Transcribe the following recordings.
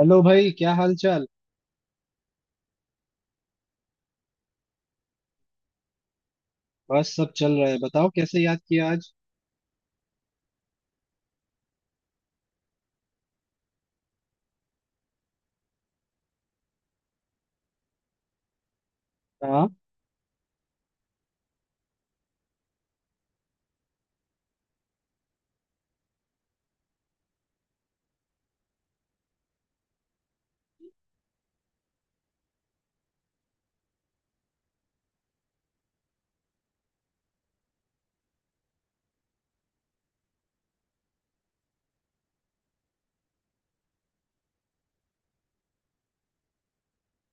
Hello भाई, क्या हाल चाल। बस सब चल रहा है, बताओ कैसे याद किया आज। हाँ,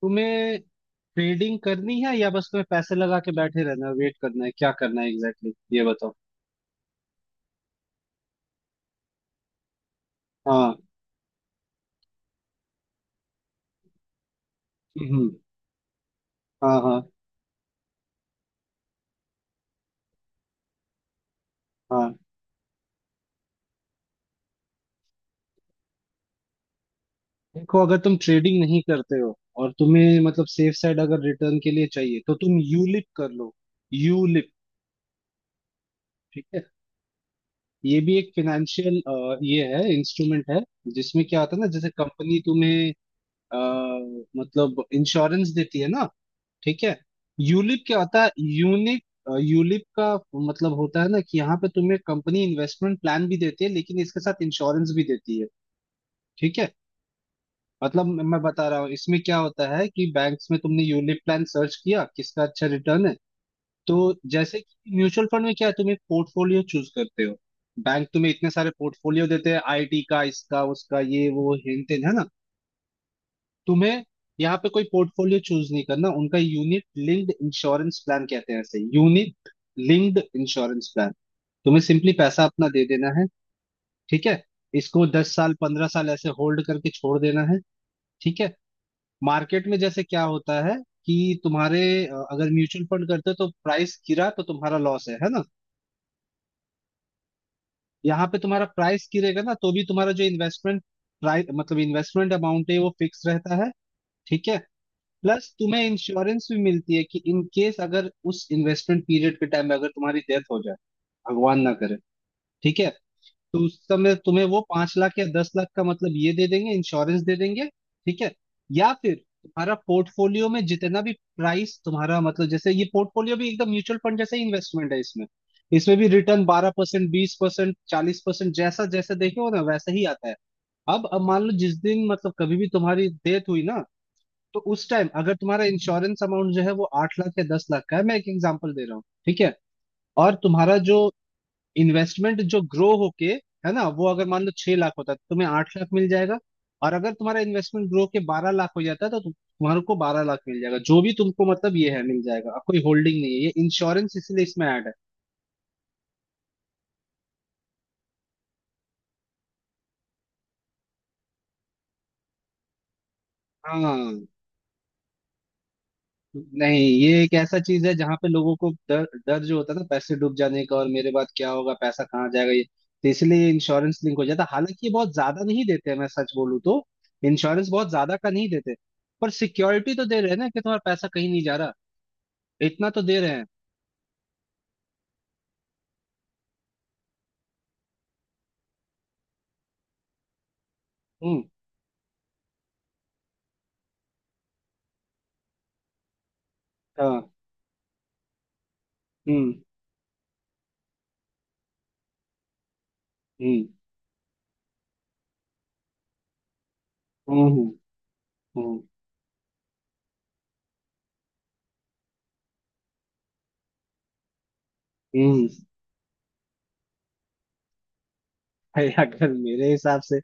तुम्हें ट्रेडिंग करनी है या बस तुम्हें पैसे लगा के बैठे रहना है, वेट करना है, क्या करना है एग्जैक्टली exactly? ये बताओ। हाँ। हम्म। हाँ, हाँ, हाँ। देखो, अगर तुम ट्रेडिंग नहीं करते हो और तुम्हें मतलब सेफ साइड अगर रिटर्न के लिए चाहिए, तो तुम यूलिप कर लो। यूलिप। ठीक है। ये भी एक फिनेंशियल ये है, इंस्ट्रूमेंट है, जिसमें क्या होता है ना, जैसे कंपनी तुम्हें अ, मतलब इंश्योरेंस देती है ना। ठीक है। यूलिप क्या होता है, यूनिक। यूलिप का मतलब होता है ना कि यहाँ पे तुम्हें कंपनी इन्वेस्टमेंट प्लान भी देती है, लेकिन इसके साथ इंश्योरेंस भी देती है। ठीक है। मतलब मैं बता रहा हूँ इसमें क्या होता है कि बैंक्स में तुमने यूलिप प्लान सर्च किया, किसका अच्छा रिटर्न है। तो जैसे कि म्यूचुअल फंड में क्या है, तुम एक पोर्टफोलियो चूज करते हो। बैंक तुम्हें इतने सारे पोर्टफोलियो देते हैं, आईटी का, इसका, उसका, ये वो हिंट है ना। तुम्हें यहाँ पे कोई पोर्टफोलियो चूज नहीं करना। उनका यूनिट लिंक्ड इंश्योरेंस प्लान कहते हैं, ऐसे यूनिट लिंक्ड इंश्योरेंस प्लान। तुम्हें सिंपली पैसा अपना दे देना है। ठीक है। इसको 10 साल 15 साल ऐसे होल्ड करके छोड़ देना है। ठीक है। मार्केट में जैसे क्या होता है कि तुम्हारे अगर म्यूचुअल फंड करते हो तो प्राइस गिरा तो तुम्हारा लॉस है ना। यहाँ पे तुम्हारा प्राइस गिरेगा ना तो भी तुम्हारा जो इन्वेस्टमेंट प्राइस, मतलब इन्वेस्टमेंट अमाउंट है वो फिक्स रहता है। ठीक है। प्लस तुम्हें इंश्योरेंस भी मिलती है कि इन केस अगर उस इन्वेस्टमेंट पीरियड के टाइम में अगर तुम्हारी डेथ हो जाए, भगवान ना करे, ठीक है, तो उस समय तुम्हें वो 5 लाख या 10 लाख का मतलब ये दे देंगे, इंश्योरेंस दे देंगे। ठीक है। या फिर तुम्हारा पोर्टफोलियो में जितना भी प्राइस तुम्हारा, मतलब जैसे ये पोर्टफोलियो भी एकदम म्यूचुअल फंड जैसा ही इन्वेस्टमेंट है इसमें। इसमें भी रिटर्न 12% 20% 40% जैसा जैसा देखे हो ना, वैसा ही आता है। अब मान लो जिस दिन, मतलब कभी भी तुम्हारी डेथ हुई ना, तो उस टाइम अगर तुम्हारा इंश्योरेंस अमाउंट जो है वो 8 लाख या 10 लाख का है, मैं एक एग्जांपल दे रहा हूँ, ठीक है, और तुम्हारा जो इन्वेस्टमेंट जो ग्रो होके है ना, वो अगर मान लो 6 लाख होता है तो तुम्हें 8 लाख मिल जाएगा। और अगर तुम्हारा इन्वेस्टमेंट ग्रो के 12 लाख हो जाता है, तो तुम्हारे को 12 लाख मिल जाएगा। जो भी तुमको मतलब ये है मिल जाएगा। अब कोई होल्डिंग नहीं है, ये इंश्योरेंस इसीलिए इसमें ऐड है। हाँ। नहीं, ये एक ऐसा चीज है जहां पे लोगों को डर डर जो होता था पैसे डूब जाने का और मेरे बाद क्या होगा, पैसा कहाँ जाएगा, ये तो इसलिए इंश्योरेंस लिंक हो जाता। हालांकि ये बहुत ज्यादा नहीं देते हैं, मैं सच बोलूँ तो। इंश्योरेंस बहुत ज्यादा का नहीं देते, पर सिक्योरिटी तो दे रहे हैं ना कि तुम्हारा पैसा कहीं नहीं जा रहा। इतना तो दे रहे हैं। हम्म। हाँ। हम्म। हम्म। हम्म। हम्म। हम्म। हम्म। भाई, अगर मेरे हिसाब से,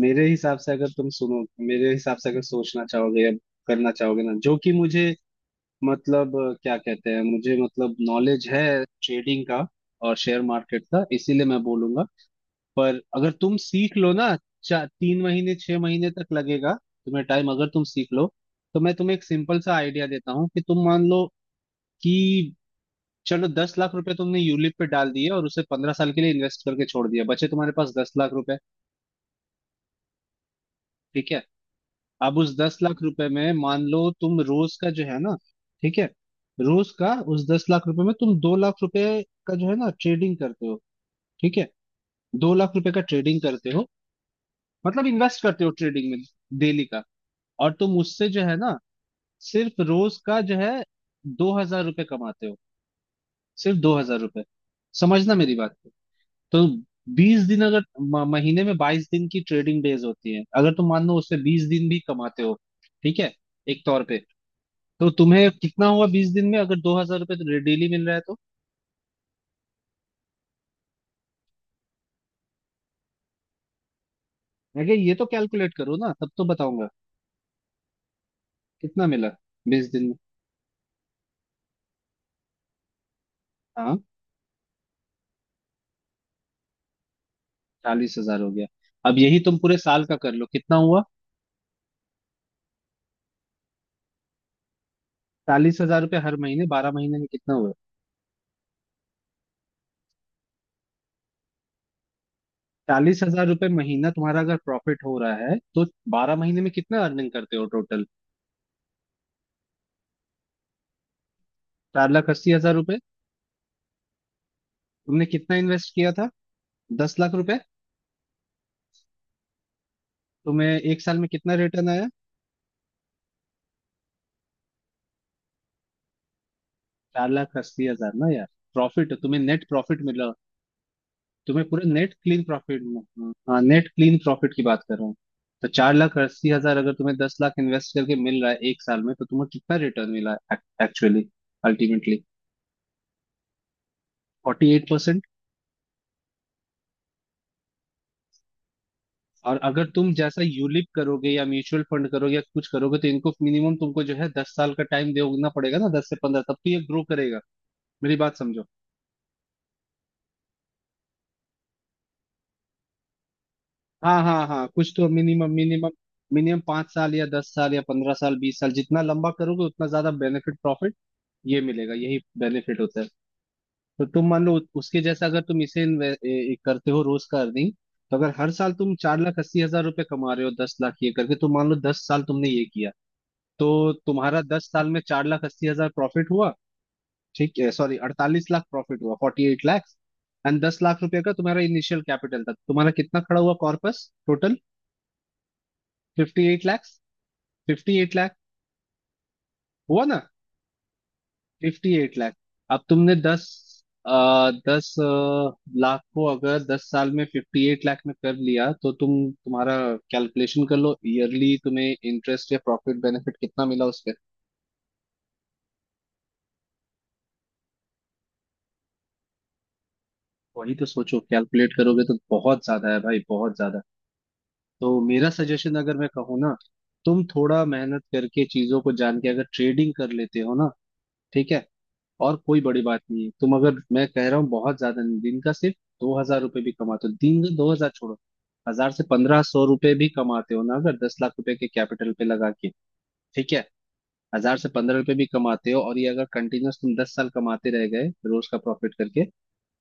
मेरे हिसाब से अगर तुम सुनो, मेरे हिसाब से अगर सोचना चाहोगे या करना चाहोगे ना, जो कि मुझे मतलब क्या कहते हैं, मुझे मतलब नॉलेज है ट्रेडिंग का और शेयर मार्केट का, इसीलिए मैं बोलूंगा। पर अगर तुम सीख लो ना, चा 3 महीने 6 महीने तक लगेगा तुम्हें टाइम, अगर तुम सीख लो, तो मैं तुम्हें एक सिंपल सा आइडिया देता हूँ कि तुम मान लो कि चलो 10 लाख रुपए तुमने यूलिप पे डाल दिए और उसे 15 साल के लिए इन्वेस्ट करके छोड़ दिया, बचे तुम्हारे पास 10 लाख रुपए। ठीक है। अब उस 10 लाख रुपए में मान लो तुम रोज का जो है ना, ठीक है, रोज का उस दस लाख रुपए में तुम 2 लाख रुपए का जो है ना ट्रेडिंग करते हो, ठीक है, 2 लाख रुपए का ट्रेडिंग करते हो, मतलब इन्वेस्ट करते हो ट्रेडिंग में, डेली का। और तुम उससे जो है ना सिर्फ रोज का जो है 2,000 रुपये कमाते हो, सिर्फ 2,000 रुपये, समझना मेरी बात को। तो 20 दिन, अगर महीने में 22 दिन की ट्रेडिंग डेज होती है, अगर तुम मान लो उससे 20 दिन भी कमाते हो, ठीक है, एक तौर पे, तो तुम्हें कितना हुआ 20 दिन में अगर 2,000 रुपये तो डेली मिल रहा है तो। अगर ये तो कैलकुलेट करो ना, तब तो बताऊंगा कितना मिला 20 दिन में। हाँ, 40,000 हो गया। अब यही तुम पूरे साल का कर लो कितना हुआ। चालीस हजार रुपये हर महीने, 12 महीने में कितना हुआ? चालीस हजार रुपये महीना तुम्हारा अगर प्रॉफिट हो रहा है तो 12 महीने में कितना अर्निंग करते हो टोटल? 4,80,000 रुपये। तुमने कितना इन्वेस्ट किया था? 10 लाख रुपए। तुम्हें एक साल में कितना रिटर्न आया? 4,80,000 ना यार, प्रॉफिट, तुम्हें नेट प्रॉफिट मिला। तो मैं पूरे नेट क्लीन प्रॉफिट में, हाँ, नेट क्लीन प्रॉफिट की बात कर रहा हूँ। तो 4,80,000 अगर तुम्हें 10 लाख इन्वेस्ट करके मिल रहा है एक साल में तो तुम्हें कितना रिटर्न मिला एक्चुअली? अल्टीमेटली 48%। और अगर तुम जैसा यूलिप करोगे या म्यूचुअल फंड करोगे या कुछ करोगे, तो इनको मिनिमम तुमको जो है 10 साल का टाइम देना पड़ेगा ना, 10 से 15, तब तो ये ग्रो करेगा। मेरी बात समझो। हाँ, हाँ, हाँ, कुछ तो मिनिमम। मिनिमम मिनिमम 5 साल या 10 साल या 15 साल 20 साल, जितना लंबा करोगे उतना ज्यादा बेनिफिट, प्रॉफिट ये मिलेगा, यही बेनिफिट होता है। तो तुम मान लो उसके जैसा अगर तुम इसे करते हो, रोज का अर्निंग, तो अगर हर साल तुम 4,80,000 रुपए कमा रहे हो दस लाख ये करके, तो मान लो 10 साल तुमने ये किया, तो तुम्हारा 10 साल में 4,80,000 प्रॉफिट हुआ। ठीक है, सॉरी, 48 लाख प्रॉफिट हुआ, 48 लाख। एंड 10 लाख रुपए का तुम्हारा इनिशियल कैपिटल था, तुम्हारा कितना खड़ा हुआ corpus total? 58 lakh. Fifty eight lakh हुआ ना? 58 लाख। अब तुमने दस आ, दस अ, लाख को अगर 10 साल में 58 लाख में कर लिया, तो तुम तुम्हारा कैलकुलेशन कर लो ईयरली तुम्हें इंटरेस्ट या प्रॉफिट बेनिफिट कितना मिला उस पे। वही तो सोचो, कैलकुलेट करोगे तो बहुत ज्यादा है भाई, बहुत ज्यादा। तो मेरा सजेशन अगर मैं कहूँ ना, तुम थोड़ा मेहनत करके चीजों को जान के अगर ट्रेडिंग कर लेते हो ना, ठीक है, और कोई बड़ी बात नहीं है, तुम अगर, मैं कह रहा हूँ, बहुत ज्यादा नहीं, दिन का सिर्फ दो हजार रुपये भी कमाते हो, दिन का 2,000 छोड़ो, हजार से 1,500 रुपये भी कमाते हो ना अगर 10 लाख रुपए के कैपिटल पे लगा के, ठीक है, हजार से 15 रुपए भी कमाते हो और ये अगर कंटिन्यूस तुम 10 साल कमाते रह गए रोज का प्रॉफिट करके,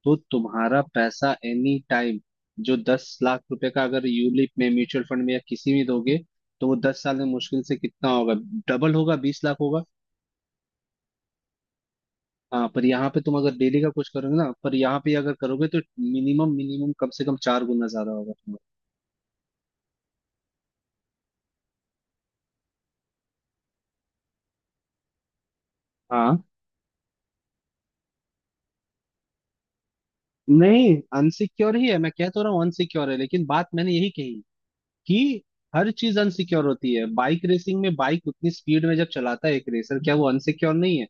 तो तुम्हारा पैसा एनी टाइम जो 10 लाख रुपए का अगर यूलिप में म्यूचुअल फंड में या किसी में दोगे तो वो 10 साल में मुश्किल से कितना होगा? डबल होगा, 20 लाख होगा। हाँ, पर यहाँ पे तुम अगर डेली का कुछ करोगे ना, पर यहाँ पे अगर करोगे तो मिनिमम मिनिमम कम से कम चार गुना ज्यादा होगा तुम्हारा। हाँ, नहीं, अनसिक्योर ही है, मैं कह तो रहा हूँ अनसिक्योर है, लेकिन बात मैंने यही कही कि हर चीज अनसिक्योर होती है। बाइक रेसिंग में बाइक उतनी स्पीड में जब चलाता है एक रेसर, क्या वो अनसिक्योर नहीं है?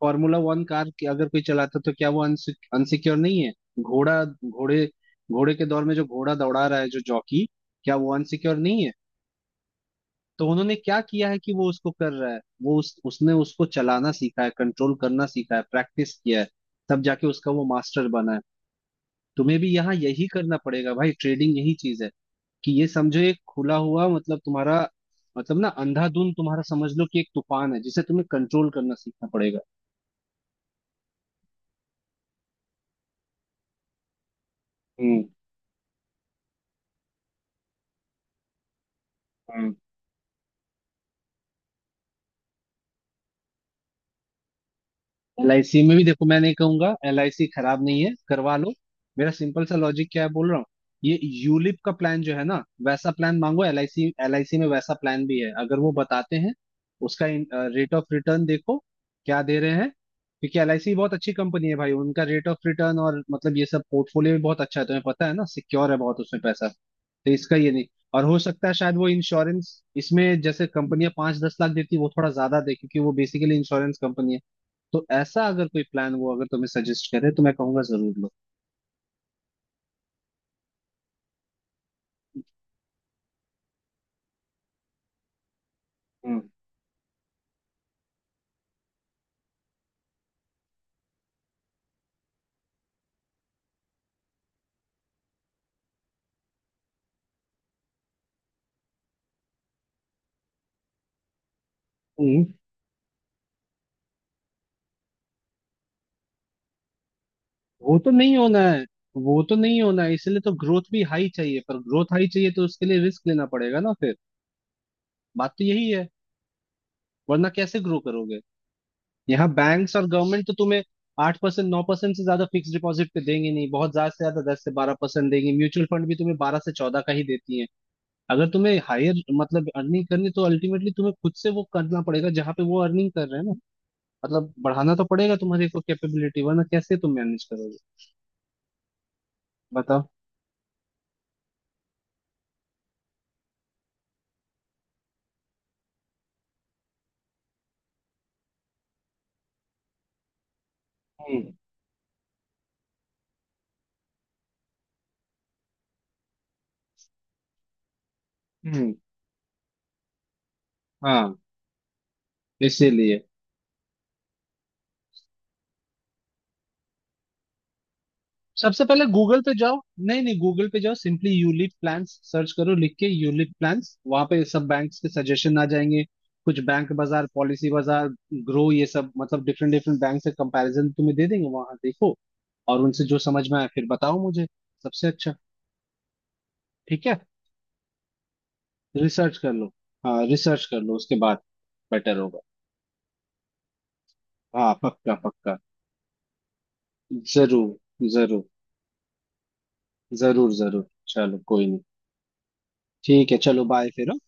फॉर्मूला वन कार की अगर कोई चलाता तो क्या वो अनसिक्योर नहीं है? घोड़ा घोड़े घोड़े के दौर में जो घोड़ा दौड़ा रहा है जो जॉकी, क्या वो अनसिक्योर नहीं है? तो उन्होंने क्या किया है कि वो उसको कर रहा है, वो उसने उसको चलाना सीखा है, कंट्रोल करना सीखा है, प्रैक्टिस किया है, तब जाके उसका वो मास्टर बना है। तुम्हें भी यहाँ यही करना पड़ेगा भाई, ट्रेडिंग यही चीज है। कि ये समझो एक खुला हुआ मतलब तुम्हारा, मतलब ना अंधाधुंध तुम्हारा, समझ लो कि एक तूफान है जिसे तुम्हें कंट्रोल करना सीखना पड़ेगा। हम्म। हम्म। एल आई सी में भी देखो, मैं नहीं कहूंगा, एल आई सी खराब नहीं है, करवा लो। मेरा सिंपल सा लॉजिक क्या है बोल रहा हूँ। ये यूलिप का प्लान जो है ना, वैसा प्लान मांगो L I C, L I C में वैसा प्लान भी है, अगर वो बताते हैं उसका, रेट ऑफ रिटर्न देखो क्या दे रहे हैं, क्योंकि एल आई सी बहुत अच्छी कंपनी है भाई, उनका रेट ऑफ रिटर्न और मतलब ये सब पोर्टफोलियो भी बहुत अच्छा है, तुम्हें पता है ना, सिक्योर है बहुत उसमें पैसा। तो इसका ये नहीं, और हो सकता है शायद वो इंश्योरेंस इसमें जैसे कंपनियां 5-10 लाख देती है, वो थोड़ा ज्यादा दे, क्योंकि वो बेसिकली इंश्योरेंस कंपनी है। तो ऐसा अगर कोई प्लान वो अगर तुम्हें सजेस्ट करे तो मैं कहूंगा जरूर लो। हम्म। हम्म। वो तो नहीं होना है, वो तो नहीं होना है, इसलिए तो ग्रोथ भी हाई चाहिए, पर ग्रोथ हाई चाहिए तो उसके लिए रिस्क लेना पड़ेगा ना फिर, बात तो यही है। वरना कैसे ग्रो करोगे? यहाँ बैंक्स और गवर्नमेंट तो तुम्हें 8% 9% से ज्यादा फिक्स डिपॉजिट पे देंगे नहीं, बहुत ज्यादा से ज्यादा 10 से 12% देंगी, म्यूचुअल फंड भी तुम्हें 12 से 14 का ही देती है। अगर तुम्हें हायर मतलब अर्निंग करनी है, तो अल्टीमेटली तुम्हें खुद से वो करना पड़ेगा जहां पे वो अर्निंग कर रहे हैं ना, मतलब बढ़ाना तो पड़ेगा तुम्हारी को कैपेबिलिटी, वरना कैसे तुम मैनेज करोगे? बताओ। हम्म। हम्म। हाँ। इसीलिए सबसे पहले गूगल पे जाओ, नहीं नहीं गूगल पे जाओ, सिंपली यूलिप प्लान्स सर्च करो लिख के, यूलिप प्लान्स, वहां पे सब बैंक्स के सजेशन आ जाएंगे। कुछ Bank Bazaar, Policy Bazaar, Groww, ये सब मतलब डिफरेंट डिफरेंट बैंक से कंपैरिजन तुम्हें दे देंगे, वहां देखो। और उनसे जो समझ में आए फिर बताओ मुझे, सबसे अच्छा। ठीक है? रिसर्च कर लो। हाँ, रिसर्च कर लो, उसके बाद बेटर होगा। हाँ, पक्का पक्का, जरूर जरूर, जरूर जरूर। चलो, कोई नहीं। ठीक है, चलो बाय फिर, हाँ?